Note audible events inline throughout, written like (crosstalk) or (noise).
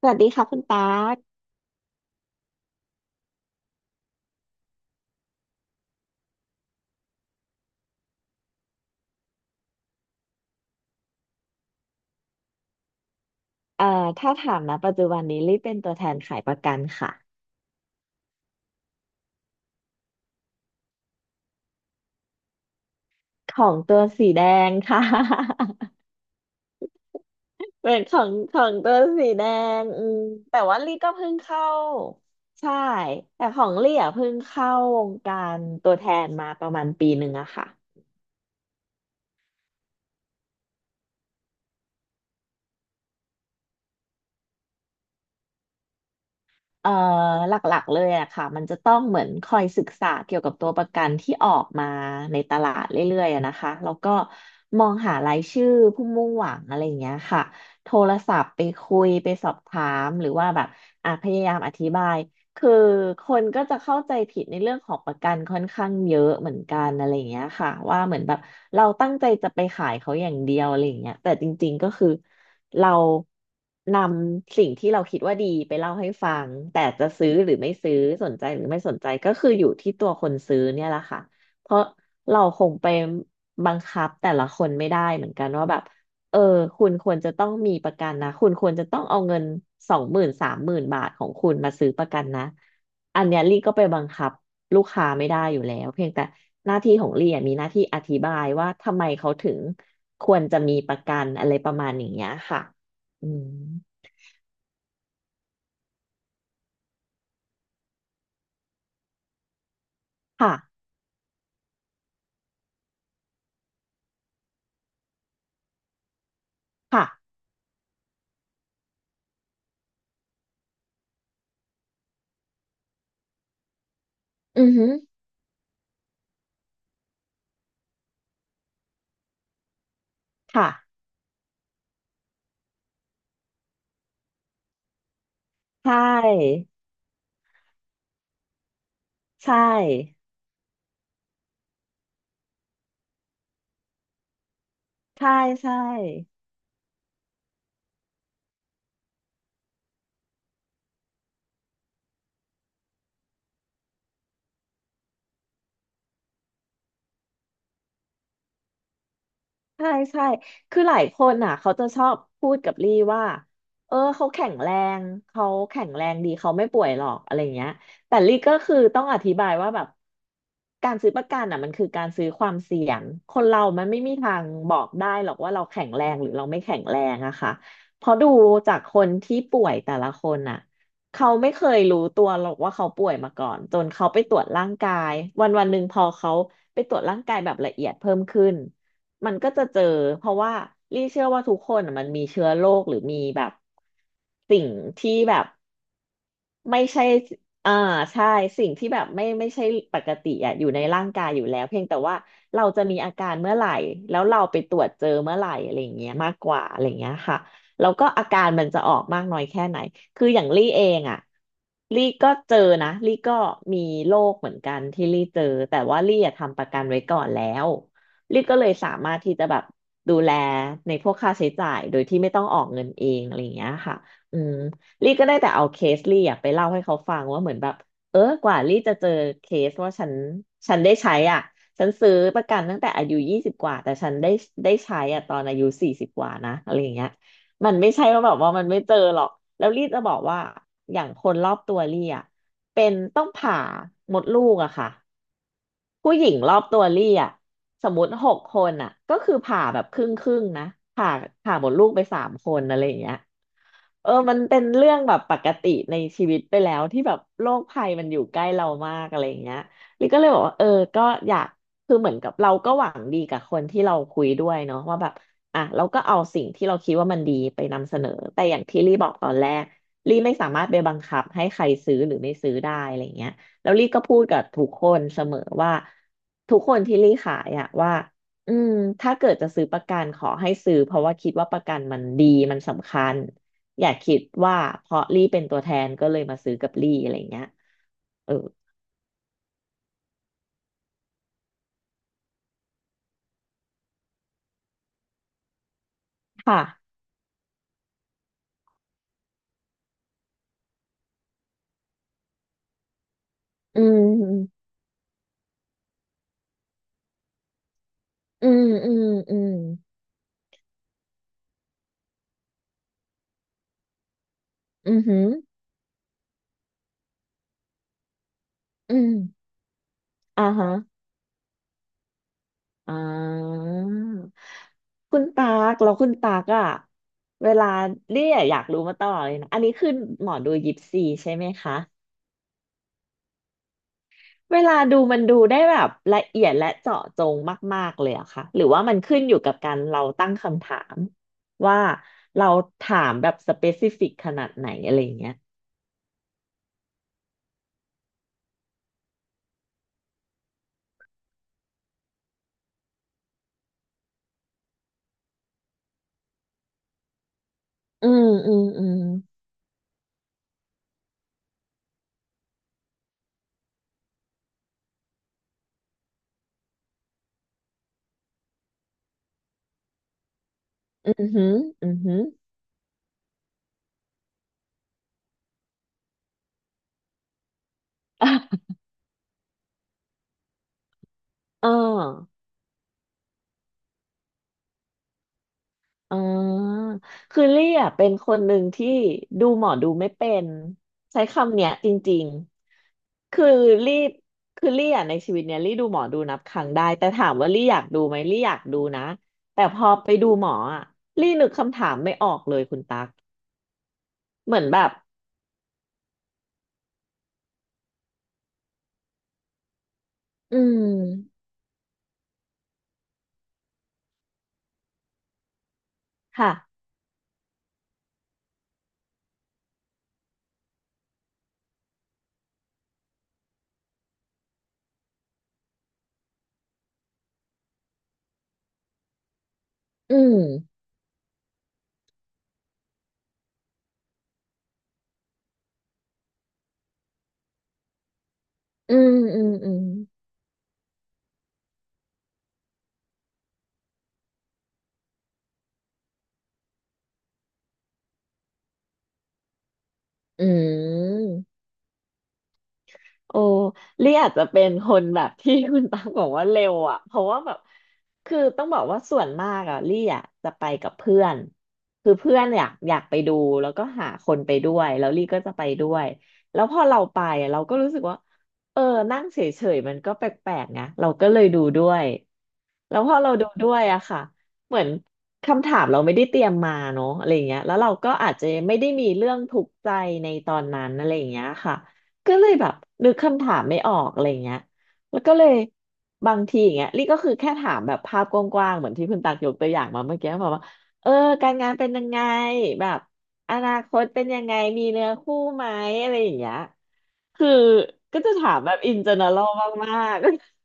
สวัสดีค่ะคุณตาร์คเอ่อถ้าถามนะปัจจุบันนี้รีบเป็นตัวแทนขายประกันค่ะของตัวสีแดงค่ะ (laughs) เป็นของตัวสีแดงอืมแต่ว่าลี่ก็เพิ่งเข้าใช่แต่ของลี่อ่ะเพิ่งเข้าวงการตัวแทนมาประมาณปีหนึ่งอะค่ะ เอ่อหลักๆเลยอะค่ะมันจะต้องเหมือนคอยศึกษาเกี่ยวกับตัวประกันที่ออกมาในตลาดเรื่อยๆอะนะคะแล้วก็มองหารายชื่อผู้มุ่งหวังอะไรอย่างเงี้ยค่ะโทรศัพท์ไปคุยไปสอบถามหรือว่าแบบอ่ะพยายามอธิบายคือคนก็จะเข้าใจผิดในเรื่องของประกันค่อนข้างเยอะเหมือนกันอะไรอย่างเงี้ยค่ะว่าเหมือนแบบเราตั้งใจจะไปขายเขาอย่างเดียวอะไรอย่างเงี้ยแต่จริงๆก็คือ เรานำสิ่งที่เราคิดว่าดีไปเล่าให้ฟังแต่จะซื้อหรือไม่ซื้อสนใจหรือไม่สนใจก็คืออยู่ที่ตัวคนซื้อเนี่ยแหละค่ะเพราะเราคงไปบังคับแต่ละคนไม่ได้เหมือนกันว่าแบบเออคุณควรจะต้องมีประกันนะคุณควรจะต้องเอาเงิน20,000-30,000 บาทของคุณมาซื้อประกันนะอันเนี้ยลี่ก็ไปบังคับ ลูกค้าไม่ได้อยู่แล้วเพียงแต่หน้าที่ของลี่อะมีหน้าที่อธิบายว่าทำไมเขาถึงควรจะมีประกันอะไรประมาณอย่างเงี้ยค่ะอืมค่ะค่ะอือฮึค่ะใช่ใช่ใช่ใช่ ใช่ใช่ คือหลายคนอ่ะเขาจะชอบพูดกับลี่ว่าเอองเขาแข็งแรงดีเขาไม่ป่วยหรอกอะไรเงี้ย แต่ลี่ก็คือต้องอธิบายว่าแบบการซื้อประกันอ่ะมันคือการซื้อความเสี่ยง คนเรามันไม่มีทางบอกได้หรอกว่าเราแข็งแรงหรือเราไม่แข็งแรงอะค่ะเพราะดูจากคนที่ป่วยแต่ละคนอ่ะเขาไม่เคยรู้ตัวหรอกว่าเขาป่วยมาก่อนจนเขาไปตรวจร่างกายวันวันหนึ่งพอเขาไปตรวจร่างกายแบบละเอียดเพิ่มขึ้น มันก็จะเจอเพราะว่าลี่เชื่อว่าทุกคนน่ะมันมีเชื้อโรคหรือมีแบบสิ่งที่แบบ ไม่ใช่อ่าใช่สิ่งที่แบบไม่ใช่ปกติอ่ะอยู่ในร่างกายอยู่แล้วเพียงแต่ว่าเราจะมีอาการเมื่อไหร่แล้วเราไปตรวจเจอเมื่อไหร่อะไรอย่างเงี้ยมากกว่าอะไรอย่างเงี้ยค่ะแล้วก็อาการมันจะออกมากน้อยแค่ไหนคืออย่างลี่เองอ่ะลี่ก็เจอนะลี่ก็มีโรคเหมือนกันที่ลี่เจอแต่ว่าลี่อะทำประกันไว้ก่อนแล้วลี่ก็เลยสามารถที่จะแบบดูแลในพวกค่าใช้จ่ายโดยที่ไม่ต้องออกเงินเองอะไรอย่างเงี้ยค่ะอืม ลี่ก็ได้แต่เอาเคสลี่อะไปเล่าให้เขาฟังว่าเหมือนแบบเออกว่าลี่จะเจอเคสว่าฉันได้ใช้อ่ะฉันซื้อประกันตั้งแต่อายุ20กว่าแต่ฉันได้ใช้อ่ะตอนอายุ40กว่านะอะไรอย่างเงี้ยมันไม่ใช่ว่าแบบว่ามันไม่เจอหรอกแล้วลี่จะบอกว่าอย่างคนรอบตัวลี่อ่ะเป็นต้องผ่ามดลูกอะค่ะผู้หญิงรอบตัวลี่อ่ะสมมติหกคนอ่ะก็คือผ่าแบบครึ่งครึ่งนะผ่าผ่ามดลูกไปสามคนอะไรอย่างเงี้ย เออมันเป็นเรื่องแบบปกติในชีวิตไปแล้วที่แบบโรคภัยมันอยู่ใกล้เรามากอะไรอย่างเงี้ยลิก็เลยบอกว่าเออก็อยากคือเหมือนกับเราก็หวังดีกับคนที่เราคุยด้วยเนาะว่าแบบอ่ะเราก็เอาสิ่งที่เราคิดว่ามันดีไปนำเสนอแต่อย่างที่ลี่บอกตอนแรกลี่ไม่สามารถไปบังคับให้ใครซื้อหรือไม่ซื้อได้อะไรอย่างเงี้ยแล้วลี่ก็พูดกับทุกคนเสมอว่าทุกคนที่ลี่ขายอะว่าอืมถ้าเกิดจะซื้อประกันขอให้ซื้อเพราะว่าคิดว่าประกันมันดีมันสำคัญ อย่าคิดว่าเพราะลี่เป็นตัวแทนก็เลยมาซื้อกับลี่อะไรเงี้ยเออค่ะอืมอืมอืมอืมอืมอหืออืมอ่าฮะอ่าคุณตากแล้วคุณตากอะเวลาเรียอยากรู้มาตลอดเลยนะ อันนี้คือหมอดูยิปซีใช่ไหมคะ เวลาดูมันดูได้แบบละเอียดและเจาะจงมากๆเลยอะค่ะหรือว่ามันขึ้นอยู่กับการเราตั้งคำถามว่าเราถามแบบสเปซิฟิกขนาดไหนอะไรอย่างเงี้ยอืมอืมอืมอืมอหืมออือหือ (laughs) อ่อ่า อ๋อคือเลี่ยเป็นคนหนึ่งที่ดูหมอดูไม่เป็นใช้คำเนี้ยจริงๆ ลี่คือลี่อ่ะในชีวิตเนี้ยลี่ดูหมอดูนับครั้งได้แต่ถามว่าลี่อยากดูไหมลี่อยากดูนะแต่พอไปดูหมออ่ะลี่นึกคำถามไม่ออกเลยคุณตั๊กเหมือนแบบอืมค่ะอืมอืมอืมอืมอืม โอ้ลี่อาจจะเป็นคนแบบที่คุณตังบอกว่าเร็วอ่ะ เพราะว่าแบบคือต้องบอกว่าส่วนมากอ่ะลี่อ่ะจะไปกับเพื่อนคือเพื่อนอยากไปดูแล้วก็หาคนไปด้วยแล้วลี่ก็จะไปด้วย แล้วพอเราไปอะเราก็รู้สึกว่า เออนั่งเฉยๆมันก็แปลกๆนะเราก็เลยดูด้วย แล้วพอเราดูด้วยอะค่ะเหมือนคำถามเราไม่ได้เตรียมมาเนาะอะไรอย่างเงี้ยแล้วเราก็อาจจะไม่ได้มีเรื่องทุกข์ใจในตอนนั้นอะไรอย่างเงี้ยค่ะก็เลยแบบนึกคำถามไม่ออกอะไรอย่างเงี้ยแล้วก็เลยบางทีอย่างเงี้ยลี่ก็คือแค่ถามแบบภาพกว้างๆเหมือนที่คุณตักยกตัวอย่างมาเมื่อกี้บบกว่าเออการงานเป็นยังไงแบบอนาคตเป็นยังไงมีเนื้อคู่ไหมอะไรอย่างเงี้ยคือก็จะถามแบบอินเจเนอรัลมากๆ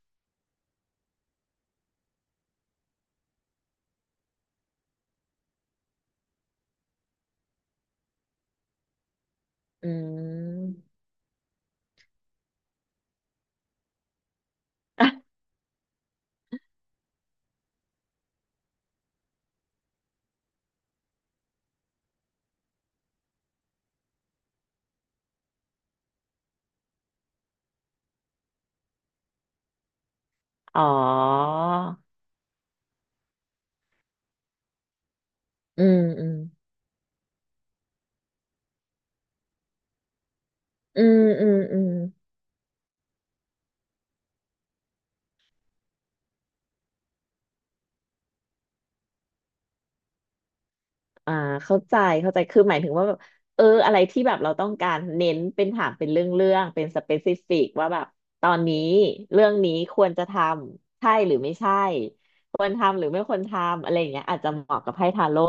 (laughs) อืม อ๋ออืมอืมอืมอืมอืมอ่าเข้าใจ เข้าใจคือหมายถึงว่าแบบ อะไรที่แบบเราต้องการเน้นเป็นถามเป็นเรื่องเป็นสเปซิฟิกว่าแบบตอนนี้เรื่องนี้ควรจะทำใช่หรือไม่ใช่ควรทำหรือไม่ควรทำอะไรอย่างเงี้ยอาจจะเหมาะกับไพ่ทาโร่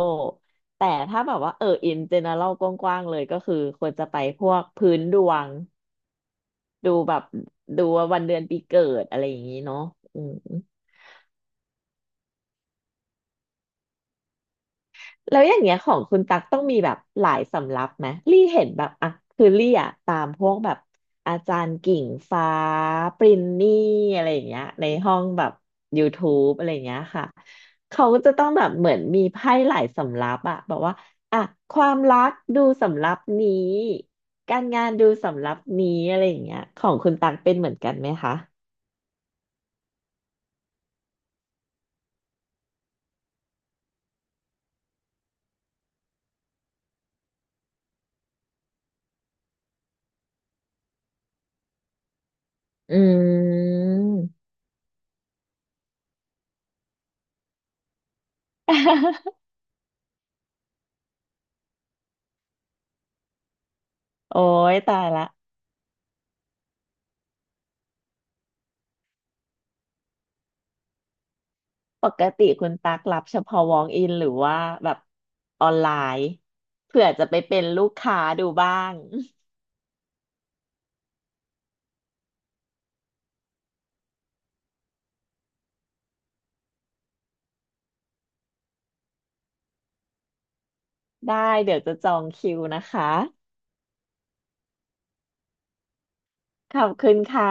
แต่ถ้าแบบว่าอินเจเนอรัลกว้างๆเลยก็คือควรจะไปพวกพื้นดวงดูแบบดูว่าวันเดือนปีเกิดอะไรอย่างงี้เนาะอืม แล้วอย่างเงี้ยของคุณตักต้องมีแบบหลายสำรับไหมลี่เห็นแบบอ่ะคือลี่อ่ะตามพวกแบบอาจารย์กิ่งฟ้าปรินนี่อะไรอย่างเงี้ยในห้องแบบ YouTube อะไรอย่างเงี้ยค่ะเขาก็จะต้องแบบเหมือนมีไพ่หลายสำรับอะบอกว่าอ่ะความรักดูสำรับนี้การงานดูสำรับนี้อะไรอย่างเงี้ยของคุณตักเป็นเหมือนกันไหมคะอืม (laughs) โอ้ยตายละ ปกติคุณตักรับเฉพาะ walk in หรือว่าแบบออนไลน์เผื่อจะไปเป็นลูกค้าดูบ้าง (laughs) ได้เดี๋ยวจะจองคิวนะคะขอบคุณค่ะ